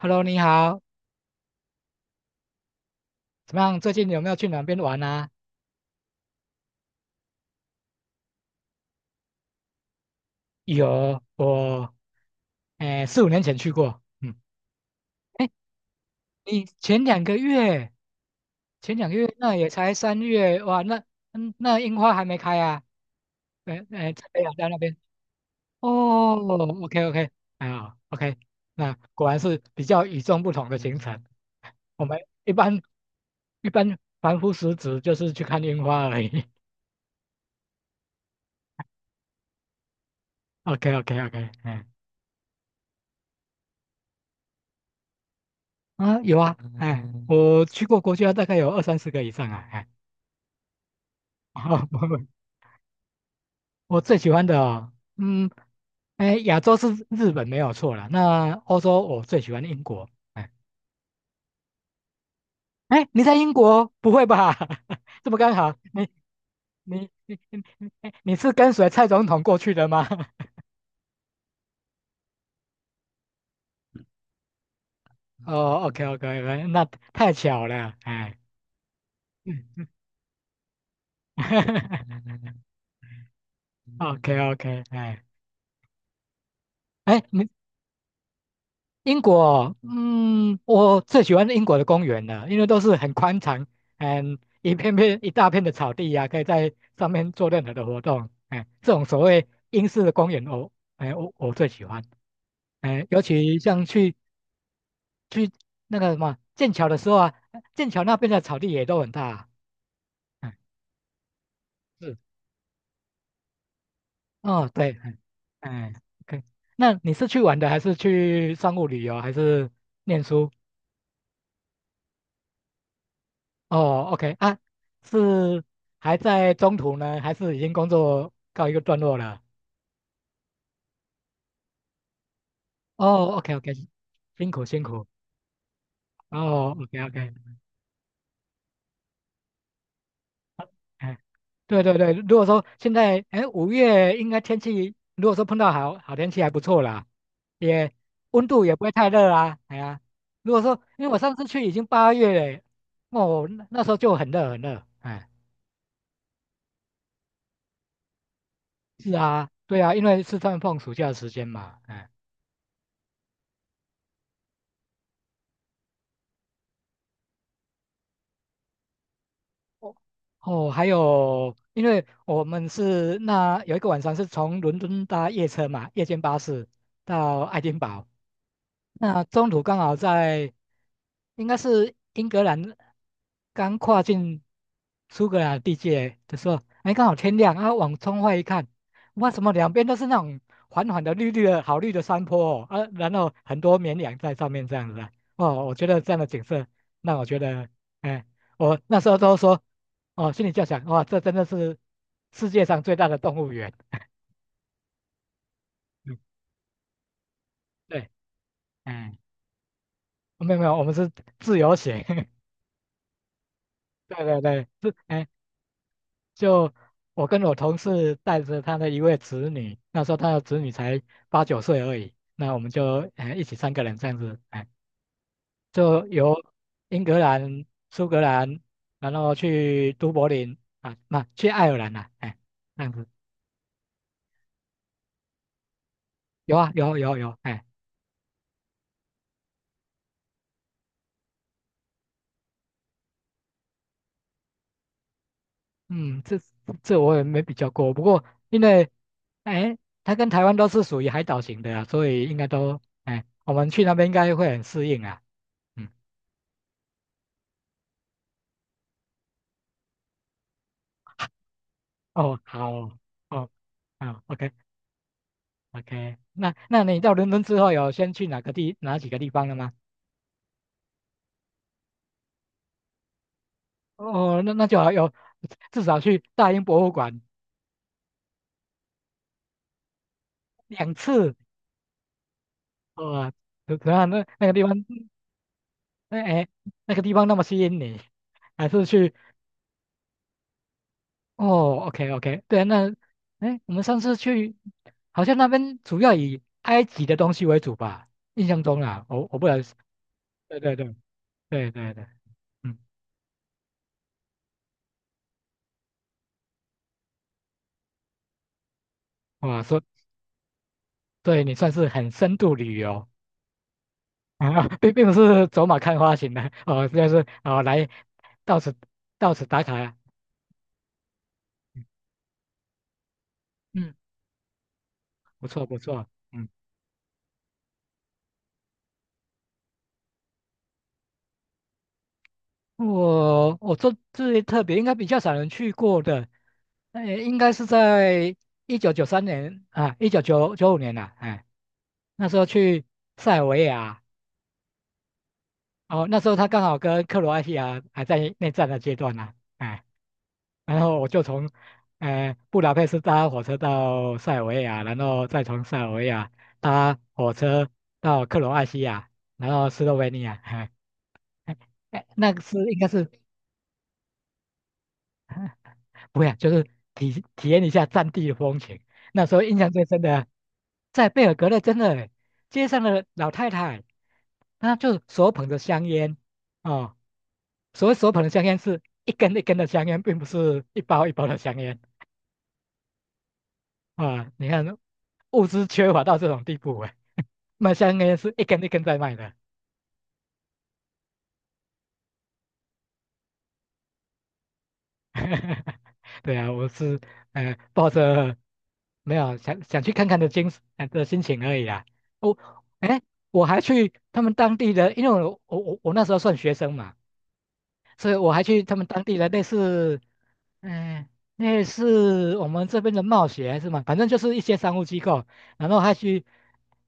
Hello，你好，怎么样？最近有没有去哪边玩啊？有，我诶4、5年前去过。嗯，哎，你前两个月，前两个月那也才3月，哇，那嗯那樱花还没开啊？诶诶，在北海道那边。哦，OK OK，哎 o k 那果然是比较与众不同的行程。我们一般凡夫俗子就是去看樱花而已。OK OK OK，啊，有啊，哎，我去过国家大概有二三十个以上啊，哎，我最喜欢的哦，嗯，哎，亚洲是日本没有错了，那欧洲我最喜欢英国，哎，哎，你在英国不会吧？这么刚好，你你你是跟随蔡总统过去的吗？哦，OK OK，那太巧了，哎，嗯嗯 ，OK OK，哎，你英国，嗯，我最喜欢英国的公园了，因为都是很宽敞，嗯，一片片一大片的草地呀、可以在上面做任何的活动。哎，这种所谓英式的公园，我，哎，我最喜欢。哎，尤其像去去那个什么剑桥的时候啊，剑桥那边的草地也都很大。哎，是，哦，对，哎，哎，OK。那你是去玩的，还是去商务旅游，还是念书？哦，OK 啊，是还在中途呢，还是已经工作告一个段落了？哦，OK OK，辛苦辛苦。哦，OK OK，哎，对对对，如果说现在哎5月应该天气，如果说碰到好好天气还不错啦，也温度也不会太热啊，哎呀，如果说因为我上次去已经8月了，哦，那那时候就很热很热，哎，是啊，对啊，因为是在放暑假的时间嘛，哎。哦哦，还有，因为我们是那有一个晚上是从伦敦搭夜车嘛，夜间巴士到爱丁堡，那中途刚好在，应该是英格兰刚跨进苏格兰地界的时候，哎，刚好天亮，啊，往窗外一看，哇，怎么两边都是那种缓缓的绿绿的好绿的山坡哦，啊，然后很多绵羊在上面这样子啊，哦，我觉得这样的景色让我觉得，哎，我那时候都说，哦，心里就想，哇，这真的是世界上最大的动物园，嗯对，哎，没有，我们是自由行。对对对，是哎、就我跟我同事带着他的一位子女，那时候他的子女才8、9岁而已，那我们就哎一起三个人这样子，哎，就由英格兰、苏格兰，然后去都柏林啊，那、去爱尔兰啊，哎，这样子有啊有有有，哎，嗯，这我也没比较过，不过因为哎，他跟台湾都是属于海岛型的啊，所以应该都哎，我们去那边应该会很适应啊，嗯。哦，好，哦，好，OK，OK，那那你到伦敦之后有先去哪个地哪几个地方了吗？哦，那那就好有至少去大英博物馆2次，哇、怎怎样？那那个地方，那哎，那个地方那么吸引你，还是去哦，OK，OK，对啊，那哎，我们上次去好像那边主要以埃及的东西为主吧，印象中啦，我不能，对对对对对对，嗯，哇，说对你算是很深度旅游。啊，并不是走马看花型的哦，就是哦来到此打卡呀。嗯，嗯不错不错。嗯，我这最特别应该比较少人去过的，应该是在1993年啊，一九九九五年了，哎，那时候去塞尔维亚，哦，那时候他刚好跟克罗埃西亚还在内战的阶段呢、哎然后我就从，布达佩斯搭火车到塞尔维亚，然后再从塞尔维亚搭火车到克罗埃西亚，然后斯洛维尼亚，哎哎，哎那个是应该是 不要，就是体验一下战地的风情。那时候印象最深的，在贝尔格勒真的街上的老太太，她就手捧着香烟，哦，所谓手捧的香烟是一根一根的香烟，并不是一包一包的香烟。啊，你看物资缺乏到这种地步哎、卖香烟是一根一根在卖的。对啊，我是抱着没有想去看看的精神的心情而已啦。我、哎，诶我还去他们当地的，因为我那时候算学生嘛，所以我还去他们当地的类似，嗯、类似我们这边的贸协还是什么，反正就是一些商务机构，然后还去，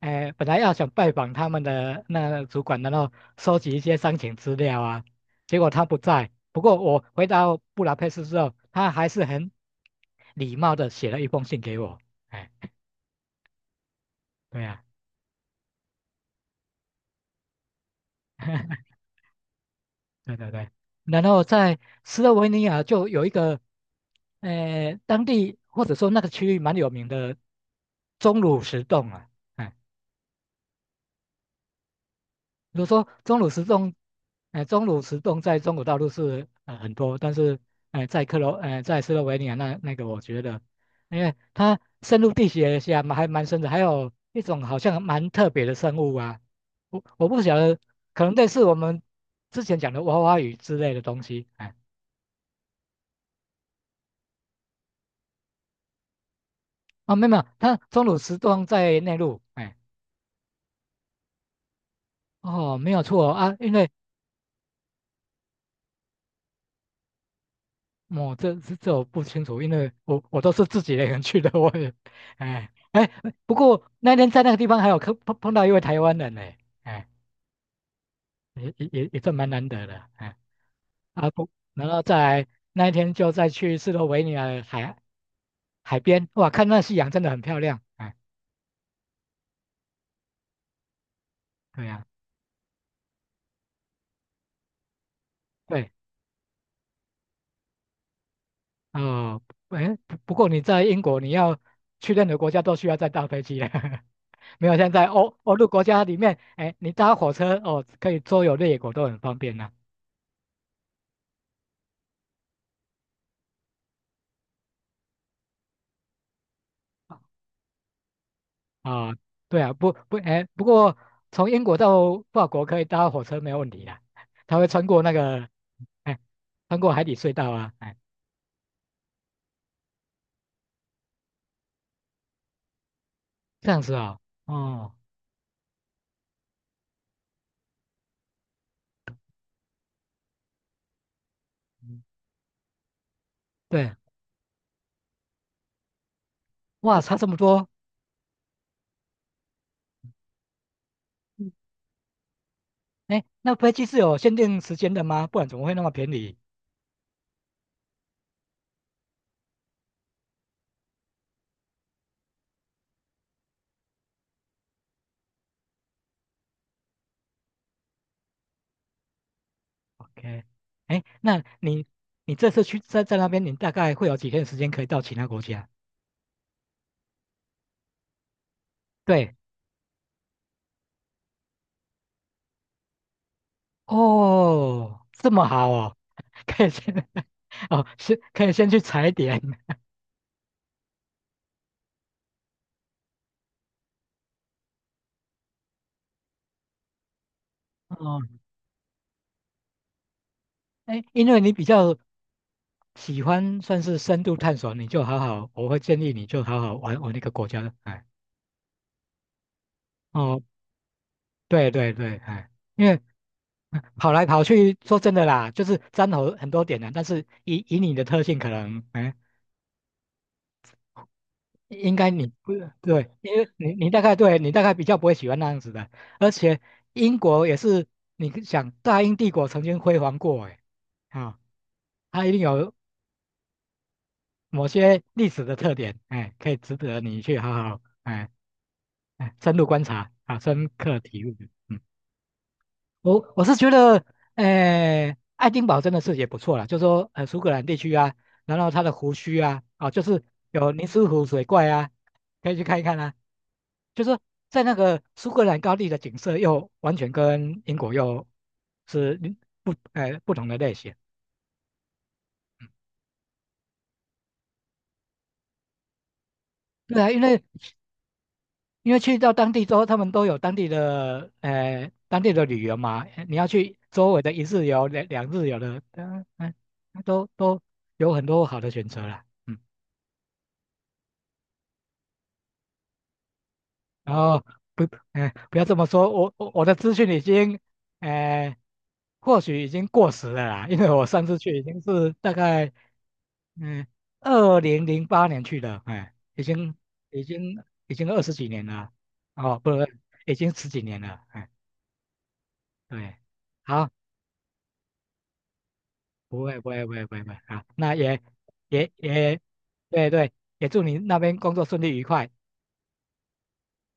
哎、本来要想拜访他们的那个主管，然后收集一些商情资料啊，结果他不在。不过我回到布达佩斯之后，他还是很礼貌的写了一封信给我。哎，对呀、啊 对对对，然后在斯洛文尼亚就有一个，当地或者说那个区域蛮有名的钟乳石洞啊，哎，比如说钟乳石洞，哎，钟乳石洞在中国大陆是很多，但是哎，在克罗，哎，在斯洛文尼亚那我觉得，因为它深入地学下嘛，还蛮深的，还有一种好像蛮特别的生物啊，我不晓得，可能类似我们之前讲的娃娃鱼之类的东西，哎。哦，没有，它中乳石洞在内陆，哎，哦，没有错哦啊，因为我、这这我不清楚，因为我都是自己一个人去的，我也，哎，不过那天在那个地方还有碰到一位台湾人呢，哎，也算蛮难得的，哎啊不，然后在那一天就再去斯洛维尼亚的海边，哇，看那夕阳真的很漂亮，哎，对呀、对，哦，哎，不过你在英国你要去任何国家都需要再搭飞机了。没有现在欧洲国家里面，哎，你搭火车哦，可以周游列国都很方便呐、啊。对啊，不不，哎，不过从英国到法国可以搭火车没有问题啦，它会穿过那个，哎，穿过海底隧道啊，哎，这样子啊、哦，哦，嗯对，哇，差这么多，嗯哎，那飞机是有限定时间的吗？不然怎么会那么便宜？OK，哎，那你你这次去在那边，你大概会有几天时间可以到其他国家？对。哦，这么好哦，可以先 哦，先可以先去踩点哦。哎，因为你比较喜欢算是深度探索，你就好好，我会建议你就好好玩玩那个国家。哎，哦，对对对，哎，因为跑来跑去，说真的啦，就是沾头很多点的，但是以你的特性，可能哎应该你不对，因为你大概对你大概比较不会喜欢那样子的，而且英国也是，你想大英帝国曾经辉煌过，哎，啊，它一定有某些历史的特点，哎，可以值得你去好好哎深入观察啊，深刻体悟，嗯。我是觉得，爱丁堡真的是也不错啦，就是说苏格兰地区啊，然后它的湖区啊，啊就是有尼斯湖水怪啊，可以去看一看啊。就是说在那个苏格兰高地的景色又完全跟英国又是嗯不不同的类型。嗯对啊，因为去到当地之后，他们都有当地的当地的旅游嘛，你要去周围的一日游、两日游的，嗯、嗯，都有很多好的选择啦。嗯，然后不，嗯、不要这么说，我我的资讯已经，呃，或许已经过时了啦，因为我上次去已经是大概，嗯、2008年去的，哎、已经已经已经20几年了，哦，不，已经十几年了，哎、对。好。不会，好，那也也也，对对，也祝你那边工作顺利愉快。